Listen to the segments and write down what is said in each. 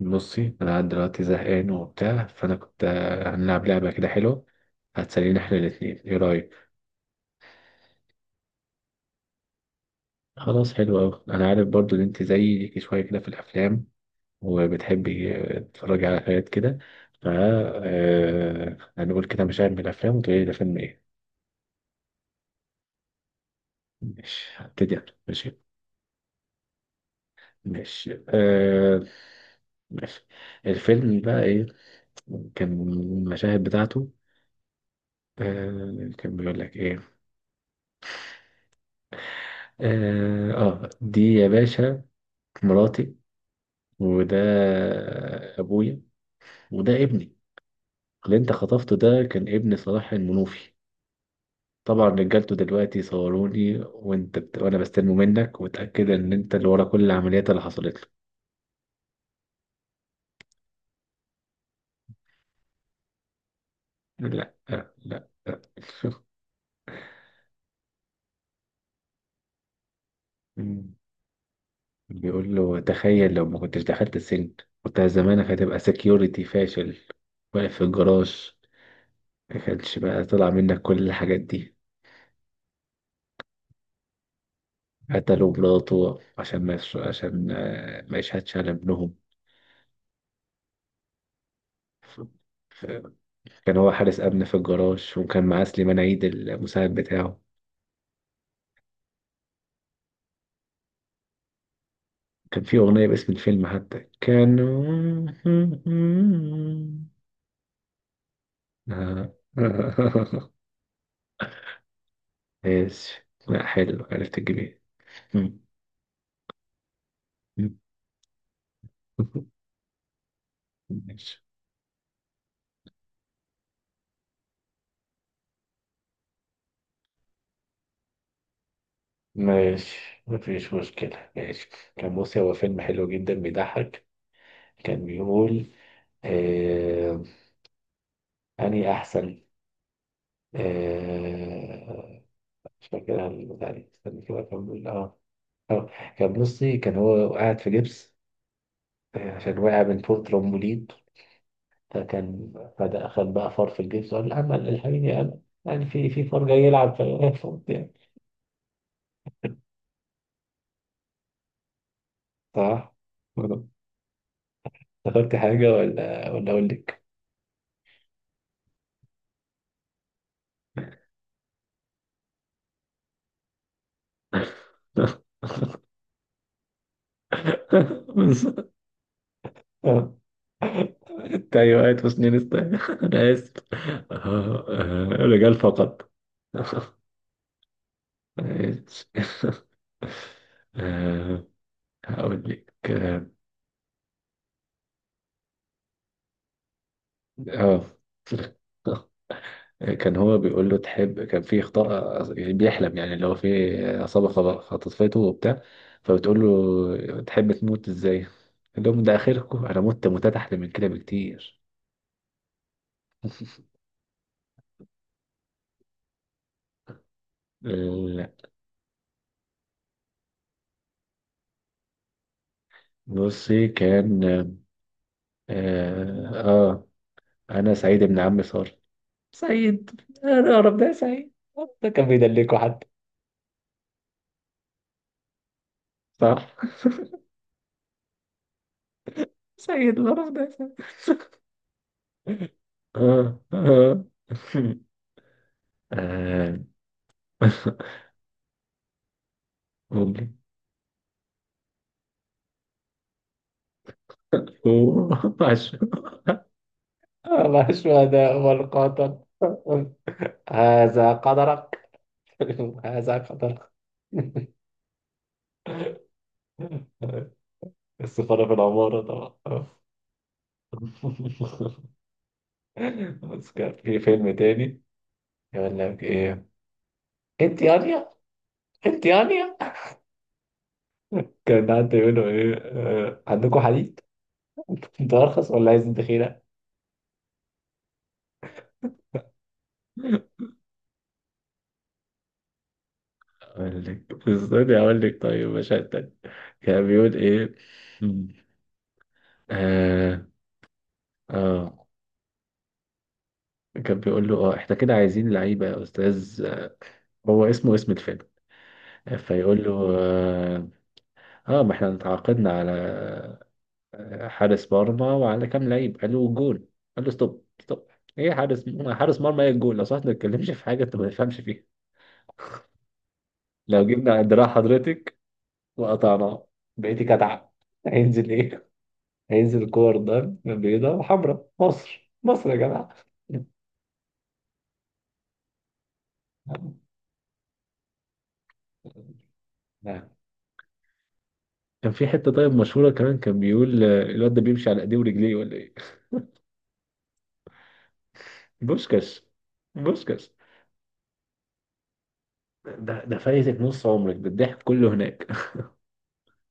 بصي انا قاعد دلوقتي زهقان وبتاع، فانا كنت هنلعب لعبه كده حلوه هتسلينا احنا الاتنين، ايه رايك؟ خلاص حلو اوي. انا عارف برضو ان انت زيي، ليكي شويه كده في الافلام وبتحبي تتفرجي على حاجات كده. ف آه، هنقول كده مشاهد من الافلام وتقولي لي ده فيلم ايه. ماشي هبتدي أنا. ماشي ماشي ماشي. الفيلم بقى ايه؟ كان المشاهد بتاعته كان بيقول لك ايه. اه دي يا باشا مراتي، وده أبويا، وده ابني اللي أنت خطفته. ده كان ابن صلاح المنوفي. طبعا رجالته دلوقتي صوروني وانت وانا بستلمه منك، وتأكد ان انت اللي ورا كل العمليات اللي حصلت له. لا لا لا. مم. بيقول له تخيل لو ما كنتش دخلت السجن، كنت زمانك هتبقى سكيورتي فاشل واقف في الجراج. ما كانش بقى طلع منك كل الحاجات دي. قتلوا مراته عشان ما يشهدش على ابنهم. كان هو حارس أمن في الجراج، وكان معاه سليمان عيد المساعد بتاعه. كان في أغنية باسم الفيلم حتى كان. آه. ماشي. لا حلو، عرفت الجميل. مم. مم. ماشي. ماشي مفيش مشكلة ماشي. كان بص هو فيلم حلو جدا بيضحك. كان بيقول آه... أني أحسن. آه... مش فاكرها البتاع دي، استنى كده أكمل. آه اه، كان بصي كان هو قاعد في جبس عشان وقع من فوق ترمبولين. فكان بدأ خد بقى فار في الجبس، وقال لا أمل الحقيني أمل، يعني في فار جاي يلعب فوت يعني. صح. افتكرت حاجة ولا أقول لك؟ اه انت ايوه قاعد في سنين است- انا اسف. رجال فقط. ماشي. آه، هقول لك. اه آه. كان هو بيقول له تحب، كان في خطأ بيحلم يعني، اللي هو في عصابة خطفته وبتاع. فبتقول له تحب تموت ازاي؟ قال لهم ده آخركم؟ أنا مت موتات أحلى من كده بكتير. لا بصي كان آه, آه أنا سعيد ابن عم صار. سعيد أنا أعرف ده سعيد. ده كان بيدلكوا حد. صح. سعيد أنا أعرف ده سعيد. آه آه آه، ممكن. أوه، الله، الشهداء والقاتل. هذا قدرك. هذا قدرك. السفارة في العمارة طبعا. بس كان في فيلم تاني يقول لك ايه، انت يانيا انت يانيا. كان حد يقول له ايه عندكم حديد؟ انت ارخص ولا عايز انت خيره. اقول لك استني اقول لك، طيب مشهد تاني. كان بيقول ايه آه آه كان بيقول له اه احنا كده عايزين لعيبة يا استاذ، هو اسمه اسم الفيلم. فيقول له اه ما احنا تعاقدنا على حارس مرمى وعلى كام لعيب. قال له جول. قال له ستوب ستوب، ايه حارس؟ حارس مرمى ايه الجول؟ لو صح ما تتكلمش في حاجة انت ما تفهمش فيها. لو جبنا دراع حضرتك وقطعناه بقيتي كتعة. هينزل ايه؟ هينزل كور ضرب بيضاء وحمراء. مصر مصر يا جماعة. كان في حتة طيب مشهورة كمان، كان بيقول الواد ده بيمشي على ايديه ورجليه ولا ايه. بوسكاس، بوسكاس. ده ده فايتك نص عمرك بالضحك كله هناك.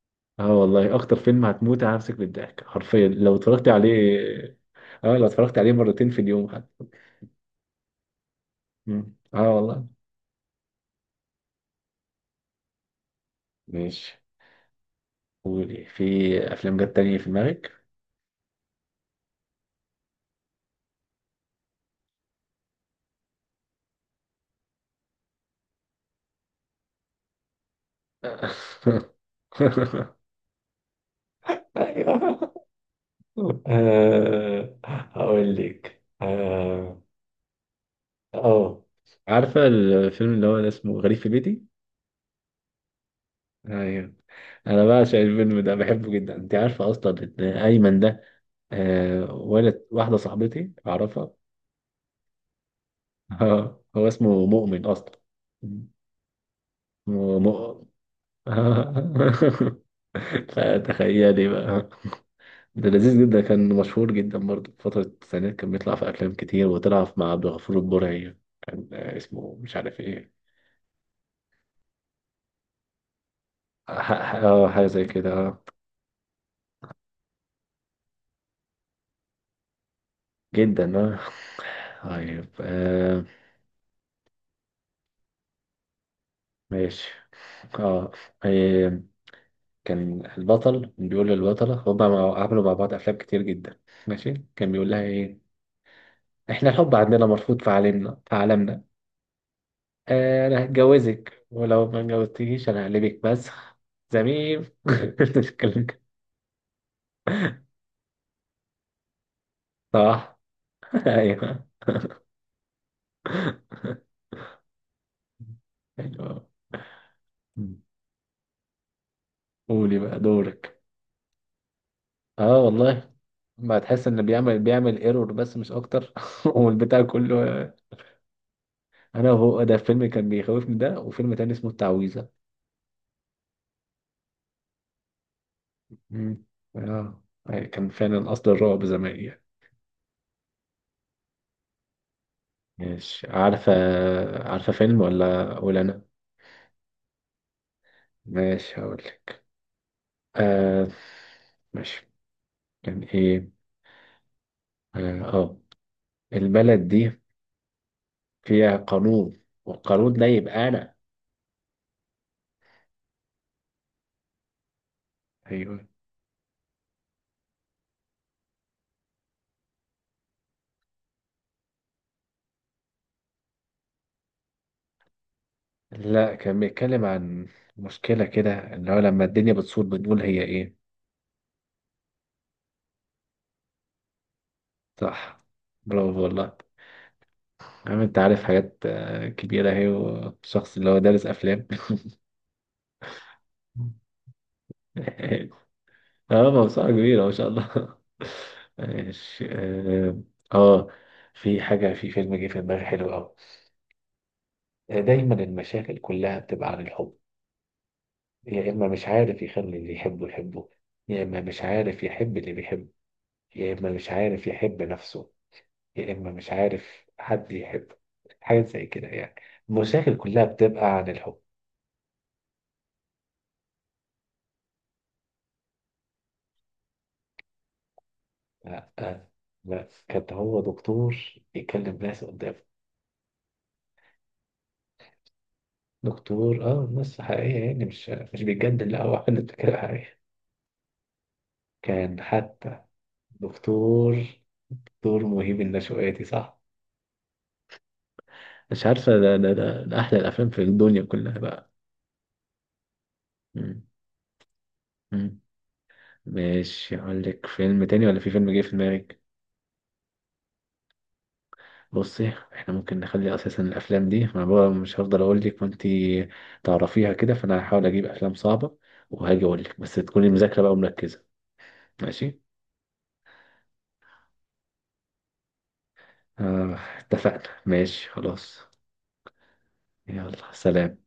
اه والله اكتر فيلم هتموت هنفسك بالضحك حرفيا لو اتفرجت عليه. اه لو اتفرجت عليه مرتين في اليوم حتى. مم. اه والله. ماشي. قولي في افلام جت تانية في دماغك؟ ايوه هقول لك اه. آه. عارفة الفيلم اللي هو اسمه غريب في بيتي؟ ايوه. انا بعشق الفيلم ده بحبه جدا. انت عارفه اصلا ان ايمن ده آه ولد واحده صاحبتي اعرفها. هو اسمه مؤمن اصلا. اسمه مؤمن. فتخيلي بقى. ده لذيذ جدا، كان مشهور جدا برضه في فترة التسعينات، كان بيطلع في أفلام كتير، وطلع مع عبد الغفور البرعي. كان اسمه مش عارف ايه. اه حاجة زي كده. آه. جدا اه. طيب آه، ماشي اه آه، كان البطل بيقول للبطلة، هما عملوا مع بعض أفلام كتير جدا. ماشي كان بيقول لها إيه، إحنا الحب عندنا مرفوض في عالمنا، في عالمنا. آه أنا هتجوزك، ولو ما اتجوزتنيش أنا هقلبك مسخ زميم. الكلام كده. صح. أيوه. أيوه. مم. قولي بقى دورك. اه والله. ما تحس ان بيعمل ايرور بس مش اكتر والبتاع كله. انا وهو، ده فيلم كان بيخوفني ده، وفيلم تاني اسمه التعويذة. مم. آه. أي كان فعلا أصل الرعب زمان يعني. ماشي. عارفة؟ عارفة فيلم ولا أنا؟ ماشي هقولك. آه. ماشي. كان إيه آه. آه. البلد دي فيها قانون، والقانون ده يبقى أنا. أيوه. لا كان بيتكلم عن مشكلة كده، اللي هو لما الدنيا بتصور بنقول هي إيه. صح. برافو والله. عم، أنت عارف حاجات كبيرة أهي، وشخص اللي هو دارس أفلام. اه موسوعة كبيرة ما شاء الله. ماشي اه آه، في حاجة، في فيلم جه في دماغي حلو أوي. دايما المشاكل كلها بتبقى عن الحب. يا إما مش عارف يخلي اللي يحبه يحبه، يا إما مش عارف يحب اللي بيحبه، يا إما مش عارف يحب نفسه، يا إما مش عارف حد يحبه. حاجة زي كده يعني. المشاكل كلها بتبقى عن الحب. لا لا كان هو دكتور يكلم ناس قدامه. دكتور اه ناس حقيقية يعني، مش بيتجدد، لا هو حد فكرة حقيقية. كان حتى دكتور، دكتور مهيب النشواتي صح. مش عارفة، ده أحلى الأفلام في الدنيا كلها بقى. مم. مم. ماشي أقول لك فيلم تاني ولا في فيلم جه في دماغك؟ بصي احنا ممكن نخلي أساسا الأفلام دي، أنا بقى مش هفضل أقول لك وأنتي تعرفيها كده، فأنا هحاول أجيب أفلام صعبة وهاجي أقول لك بس تكوني مذاكرة بقى ومركزة. ماشي آه اتفقنا ماشي خلاص. يلا سلام.